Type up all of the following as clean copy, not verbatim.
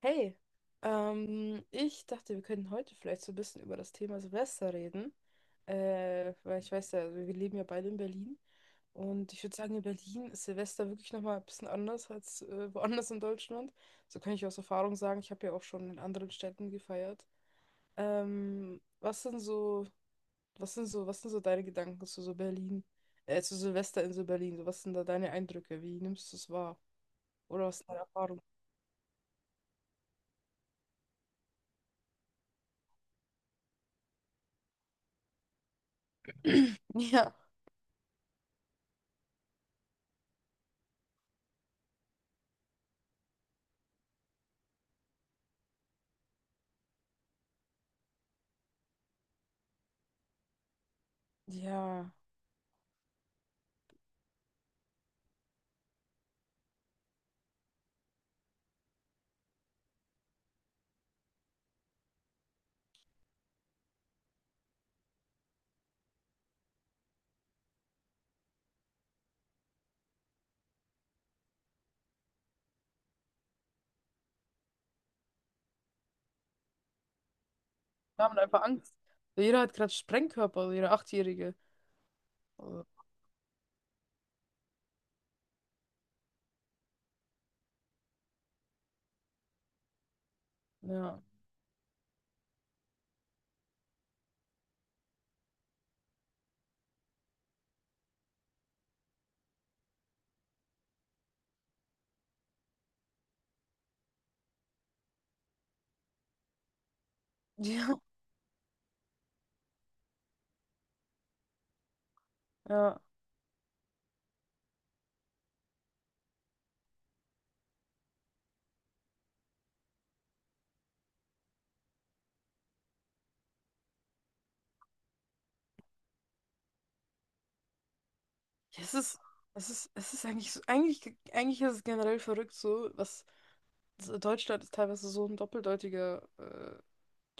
Hey, ich dachte, wir könnten heute vielleicht so ein bisschen über das Thema Silvester reden. Weil ich weiß ja, also wir leben ja beide in Berlin. Und ich würde sagen, in Berlin ist Silvester wirklich nochmal ein bisschen anders als woanders in Deutschland. So kann ich aus Erfahrung sagen, ich habe ja auch schon in anderen Städten gefeiert. Ähm, was sind so, was sind so deine Gedanken zu so Berlin, zu Silvester in so Berlin? So, was sind da deine Eindrücke? Wie nimmst du es wahr? Oder was ist deine Erfahrung? Ja. Ja. Wir haben einfach Angst. Jeder hat gerade Sprengkörper, also jeder Achtjährige. Also, ja. Ja, ja. Es ist, es ist eigentlich so, eigentlich ist es generell verrückt so, was so, Deutschland ist teilweise so ein doppeldeutiger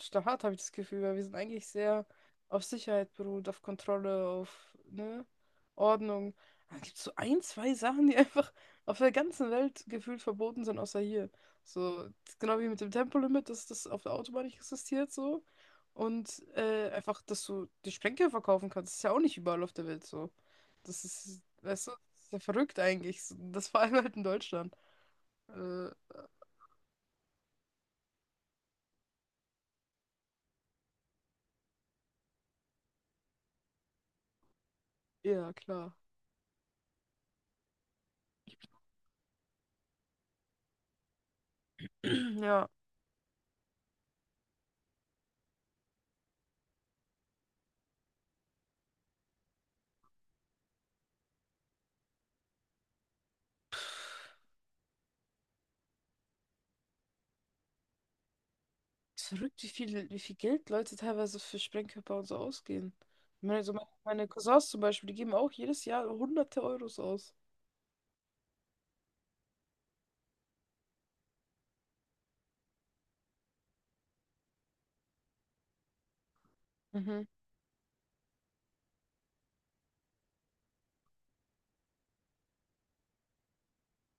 starr, habe ich das Gefühl, weil wir sind eigentlich sehr auf Sicherheit beruht, auf Kontrolle, auf, ne, Ordnung. Aber es so ein, zwei Sachen, die einfach auf der ganzen Welt gefühlt verboten sind, außer hier. So, genau wie mit dem Tempolimit, dass das auf der Autobahn nicht existiert, so. Und einfach, dass du die Sprengstoff verkaufen kannst, ist ja auch nicht überall auf der Welt so. Das ist, weißt du, das ist ja verrückt eigentlich. Das vor allem halt in Deutschland. Äh, ja, klar. Ja. Ist verrückt, wie viel Geld Leute teilweise für Sprengkörper und so ausgeben. Ich meine, meine Cousins zum Beispiel, die geben auch jedes Jahr hunderte Euros aus. Mhm.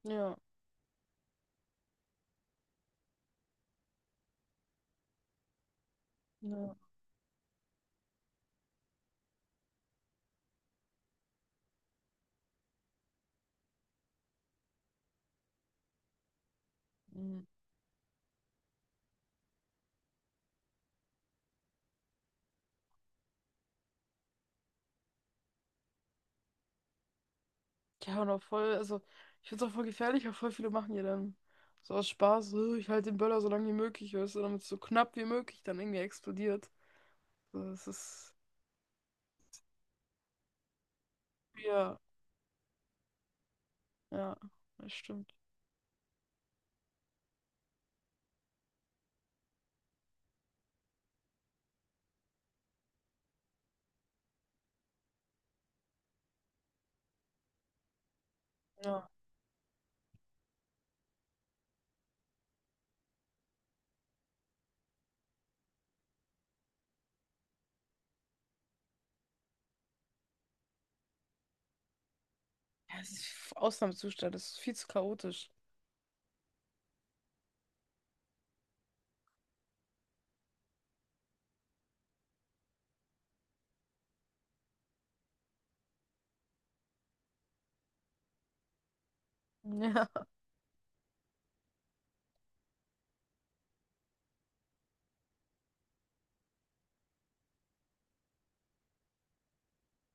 Ja. Ja. Mhm. Ja, und auch voll, also ich finde es auch voll gefährlich, auch voll viele machen ja dann so aus Spaß, so, ich halte den Böller so lange wie möglich, weißt du, damit es so knapp wie möglich dann irgendwie explodiert. So, das ist, ja, ja, das stimmt. Ja. Ja, es ist Ausnahmezustand, es ist viel zu chaotisch. Ja.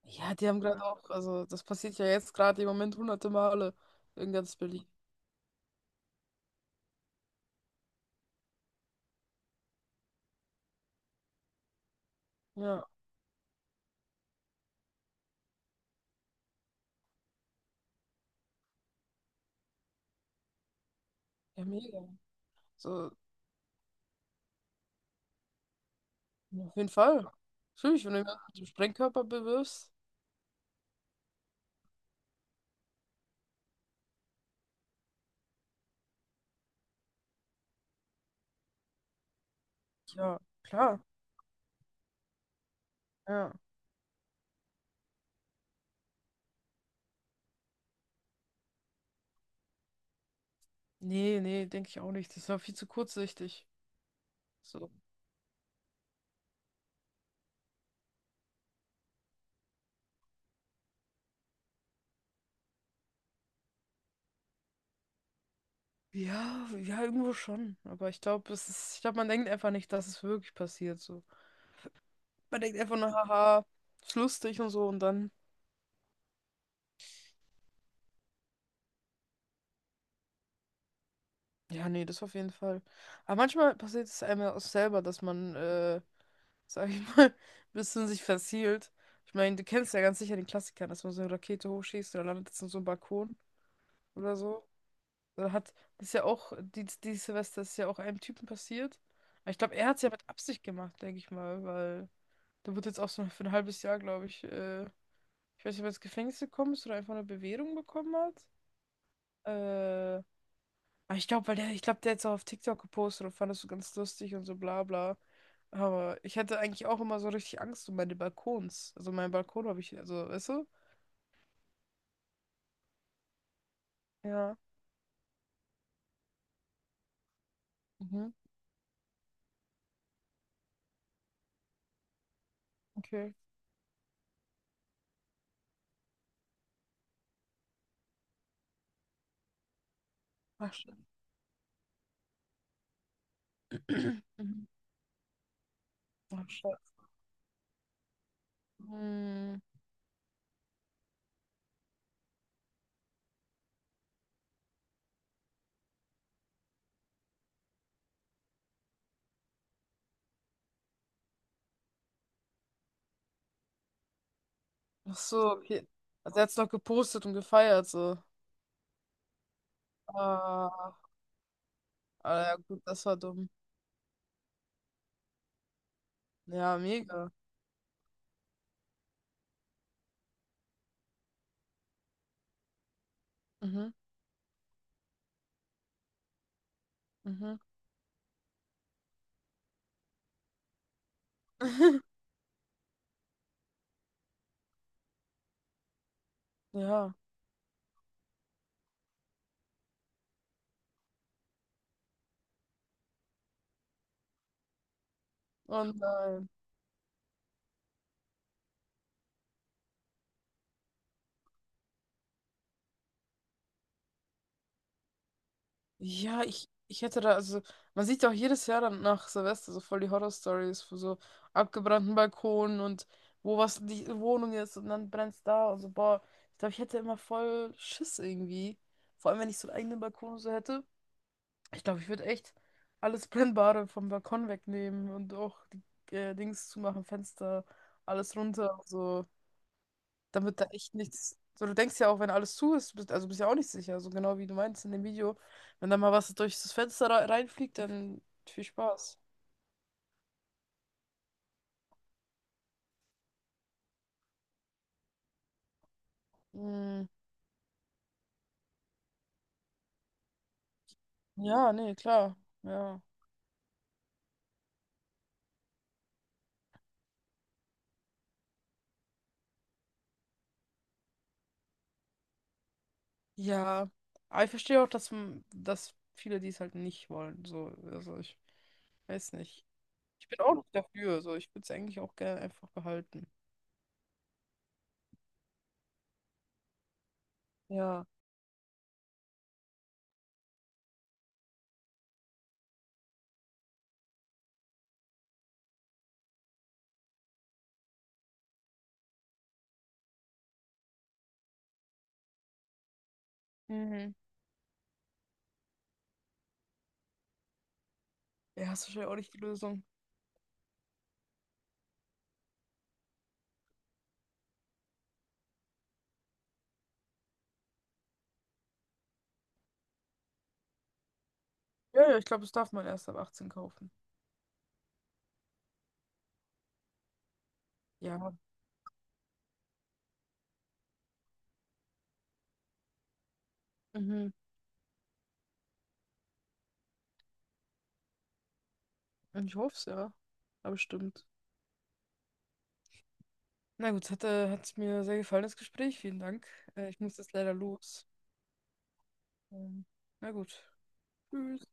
Ja, die haben gerade auch, also das passiert ja jetzt gerade im Moment hunderte Male in ganz Berlin. Ja, ja, mega. So, ja, auf jeden Fall. Natürlich, wenn du jemanden mit dem Sprengkörper bewirbst. Ja, klar. Ja. Nee, nee, denke ich auch nicht. Das ist ja viel zu kurzsichtig. So. Ja, ja, irgendwo schon. Aber ich glaube, ich glaube, man denkt einfach nicht, dass es wirklich passiert. So. Man denkt einfach nur, haha, ist lustig und so und dann. Ja, nee, das auf jeden Fall. Aber manchmal passiert es einem ja auch selber, dass man, sag ich mal, ein bisschen sich verzielt. Ich meine, du kennst ja ganz sicher den Klassiker, dass man so eine Rakete hochschießt oder landet jetzt in so einem Balkon oder so. Oder hat, das ist ja auch, die Silvester ist ja auch einem Typen passiert. Aber ich glaube, er hat es ja mit Absicht gemacht, denke ich mal, weil der wird jetzt auch so für ein halbes Jahr, glaube ich, ich weiß nicht, ob er ins Gefängnis gekommen ist oder einfach eine Bewährung bekommen hat. Äh, Aber ich glaube, weil der, ich glaube, der hat es auch auf TikTok gepostet und fand das so ganz lustig und so bla bla. Aber ich hatte eigentlich auch immer so richtig Angst um meine Balkons. Also meinen Balkon habe ich, also, weißt du? Ja. Mhm. Okay. Ach, shit. Mhm. Ach, shit. Hm. Ach so, okay. Also er hat es noch gepostet und gefeiert, so. Ah, ah, ja, gut, das war dumm. Ja, mega. Mhm. Mhm. Ja. Und nein. Ja, ich hätte da, also, man sieht ja auch jedes Jahr dann nach Silvester so voll die Horror-Stories von so abgebrannten Balkonen und wo was die Wohnung ist und dann brennt's da und so, boah, ich glaube, ich hätte immer voll Schiss irgendwie. Vor allem, wenn ich so einen eigenen Balkon und so hätte. Ich glaube, ich würde echt alles Brennbare vom Balkon wegnehmen und auch die Dings zumachen, Fenster, alles runter, und so. Dann wird da echt nichts. So, du denkst ja auch, wenn alles zu ist, bist, also bist ja auch nicht sicher. So genau wie du meinst in dem Video. Wenn da mal was durch das Fenster reinfliegt, dann viel Spaß. Mm, ja, nee, klar. Ja. Ja. Aber ich verstehe auch, dass, dass viele dies halt nicht wollen. So, also ich weiß nicht. Ich bin auch nicht dafür. So, ich würde es eigentlich auch gerne einfach behalten. Ja. Mhm. Ja, ist wahrscheinlich auch nicht die Lösung. Ja, ja, ich glaube, das darf man erst ab 18 kaufen. Ja. Mhm. Ich hoffe es, ja. Aber stimmt. Na gut, hat, hat mir sehr gefallen, das Gespräch. Vielen Dank. Ich muss jetzt leider los. Ähm, na gut. Tschüss.